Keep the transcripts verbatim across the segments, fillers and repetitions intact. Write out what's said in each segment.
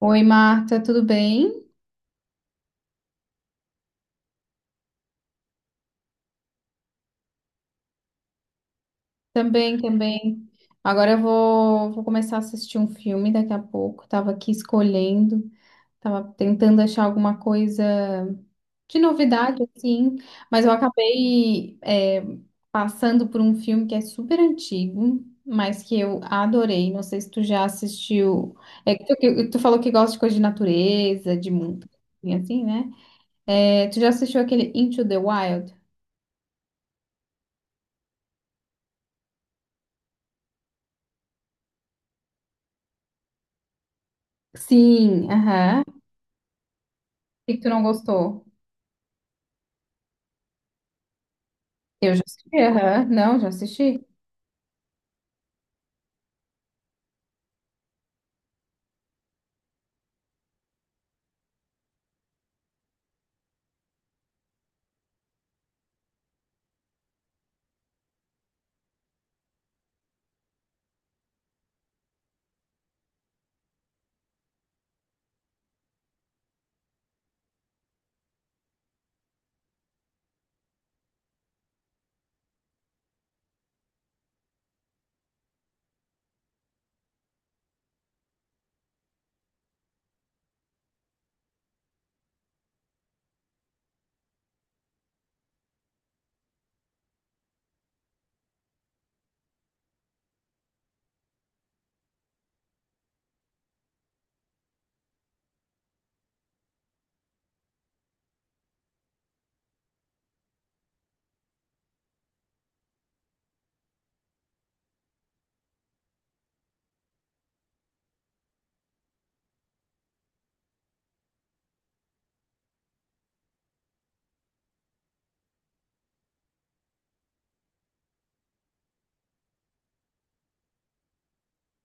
Oi, Marta, tudo bem? Também, também. Agora eu vou, vou começar a assistir um filme daqui a pouco. Tava aqui escolhendo, tava tentando achar alguma coisa de novidade, assim, mas eu acabei é, passando por um filme que é super antigo, mas que eu adorei. Não sei se tu já assistiu. É que tu, que tu falou que gosta de coisa de natureza, de mundo, assim, assim, né? É, tu já assistiu aquele Into the Wild? Sim, aham. Por que que tu não gostou? Eu já assisti, aham. Não, já assisti.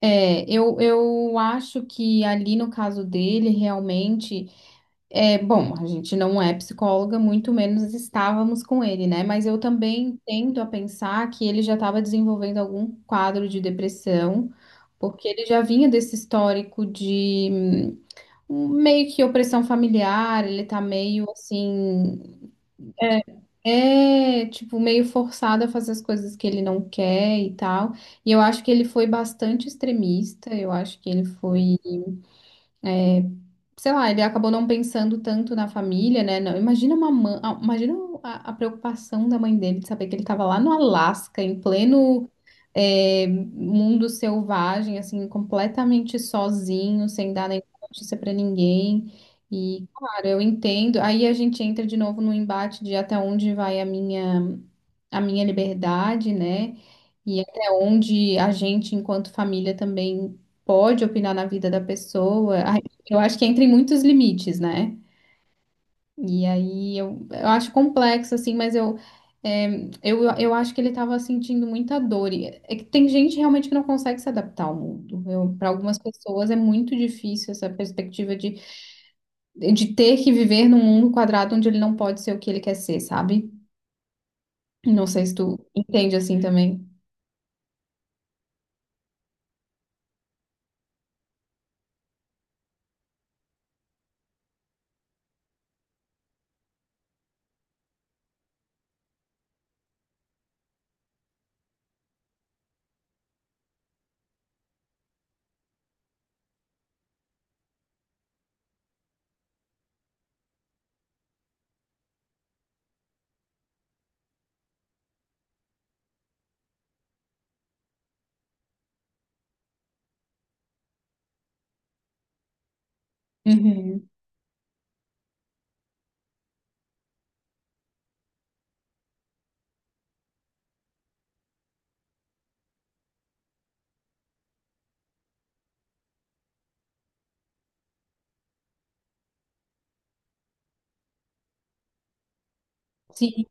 É, eu, eu acho que ali no caso dele, realmente, é, bom, a gente não é psicóloga, muito menos estávamos com ele, né? Mas eu também tendo a pensar que ele já estava desenvolvendo algum quadro de depressão, porque ele já vinha desse histórico de hum, meio que opressão familiar, ele tá meio assim. É, é, tipo, meio forçado a fazer as coisas que ele não quer e tal. E eu acho que ele foi bastante extremista. Eu acho que ele foi, sei lá, ele acabou não pensando tanto na família, né? Não, imagina uma mãe, ah, imagina a, a preocupação da mãe dele de saber que ele estava lá no Alasca, em pleno, é, mundo selvagem, assim, completamente sozinho, sem dar nenhuma notícia pra ninguém. E, claro, eu entendo. Aí a gente entra de novo no embate de até onde vai a minha a minha liberdade, né? E até onde a gente, enquanto família, também pode opinar na vida da pessoa. Ai, eu acho que entra em muitos limites, né? E aí eu, eu acho complexo, assim, mas eu, é, eu, eu acho que ele estava sentindo muita dor. E é que tem gente realmente que não consegue se adaptar ao mundo. Para algumas pessoas é muito difícil essa perspectiva de, de ter que viver num mundo quadrado onde ele não pode ser o que ele quer ser, sabe? Não sei se tu entende assim também. Uhum. Sim,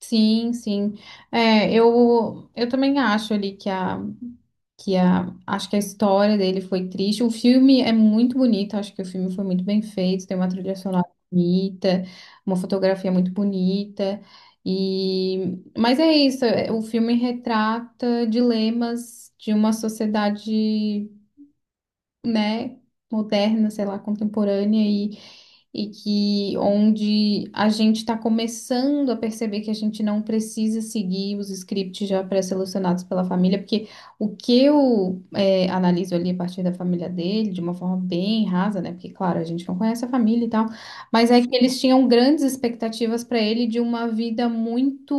sim, sim. É, eu, eu também acho ali que a, que a, acho que a história dele foi triste. O filme é muito bonito, acho que o filme foi muito bem feito, tem uma trilha sonora bonita, uma fotografia muito bonita. E, mas é isso, é, o filme retrata dilemas de uma sociedade, né, moderna, sei lá, contemporânea e que onde a gente está começando a perceber que a gente não precisa seguir os scripts já pré-selecionados pela família, porque o que eu é, analiso ali a partir da família dele, de uma forma bem rasa, né? Porque, claro, a gente não conhece a família e tal, mas é que eles tinham grandes expectativas para ele de uma vida muito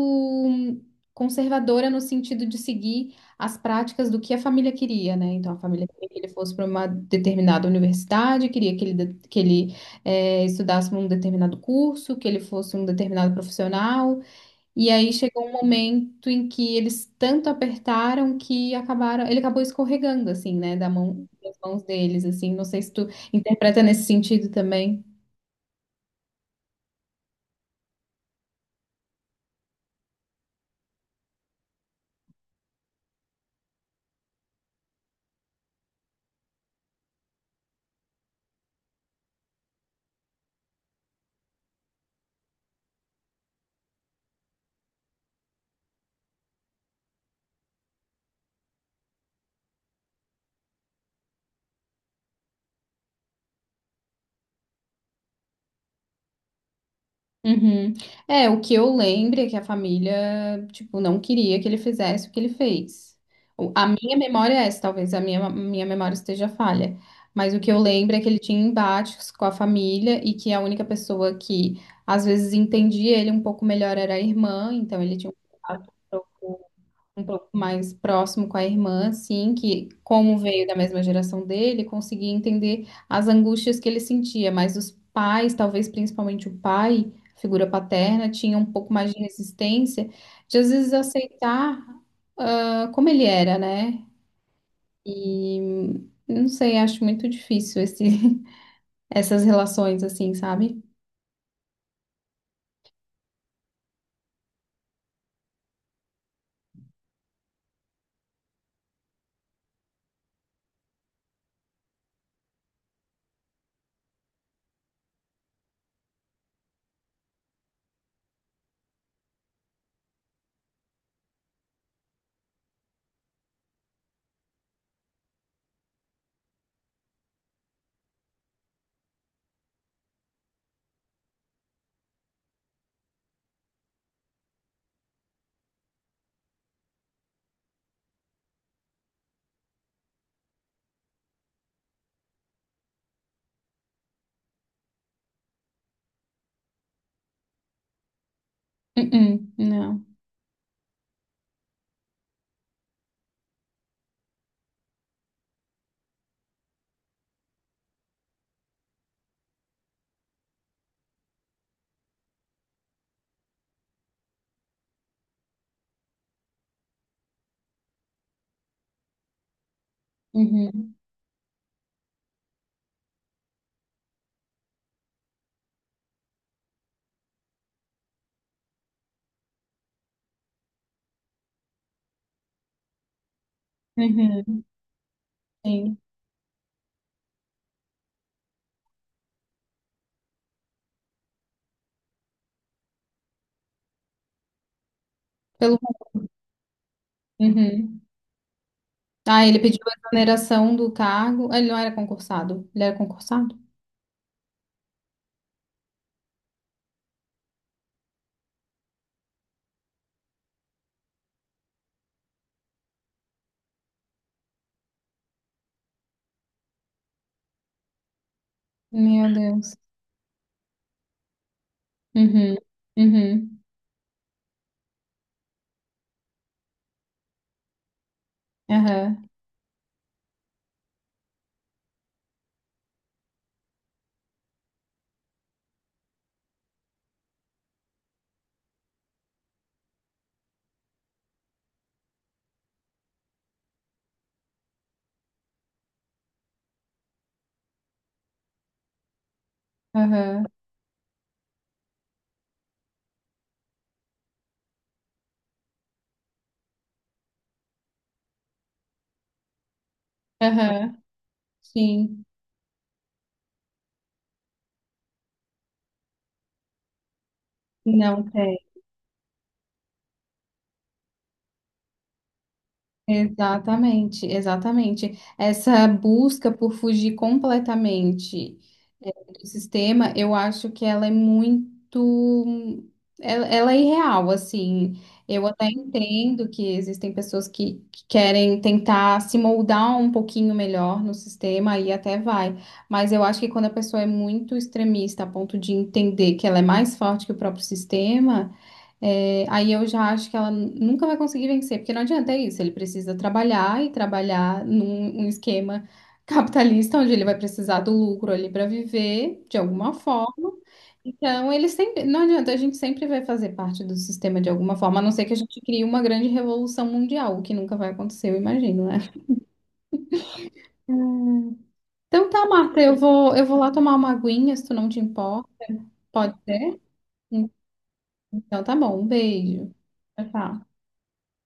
conservadora no sentido de seguir as práticas do que a família queria, né? Então, a família queria que ele fosse para uma determinada universidade, queria que ele, que ele é, estudasse um determinado curso, que ele fosse um determinado profissional. E aí chegou um momento em que eles tanto apertaram que acabaram, ele acabou escorregando assim, né, da mão, das mãos deles, assim. Não sei se tu interpreta nesse sentido também. Uhum. É, o que eu lembro é que a família, tipo, não queria que ele fizesse o que ele fez. O- A minha memória é essa, talvez a minha, minha memória esteja falha. Mas o que eu lembro é que ele tinha embates com a família e que a única pessoa que às vezes entendia ele um pouco melhor era a irmã, então ele tinha um contato um pouco mais próximo com a irmã, assim, que como veio da mesma geração dele, conseguia entender as angústias que ele sentia, mas os pais, talvez principalmente o pai, a figura paterna, tinha um pouco mais de resistência de às vezes aceitar ah, como ele era, né? E não sei, acho muito difícil esse, essas relações assim, sabe? Uh-uh, não. Uhum, uhum, sim. Pelo... Uhum. Ah, ele pediu a exoneração do cargo. Ele não era concursado. Ele era concursado? Meu Deus. Uhum. Uhum. Aham. Aham. Aham. Sim. Não tem. Exatamente, exatamente. Essa busca por fugir completamente do sistema, eu acho que ela é muito. Ela, ela é irreal, assim. Eu até entendo que existem pessoas que, que querem tentar se moldar um pouquinho melhor no sistema e até vai. Mas eu acho que quando a pessoa é muito extremista a ponto de entender que ela é mais forte que o próprio sistema, é, aí eu já acho que ela nunca vai conseguir vencer, porque não adianta é isso. Ele precisa trabalhar e trabalhar num um esquema capitalista, onde ele vai precisar do lucro ali para viver de alguma forma. Então, ele sempre, não adianta, a gente sempre vai fazer parte do sistema de alguma forma, a não ser que a gente crie uma grande revolução mundial, o que nunca vai acontecer, eu imagino, né? Então tá, Marta, eu vou, eu vou lá tomar uma aguinha, se tu não te importa. Pode ser? Então tá bom, um beijo. Tchau, tchau.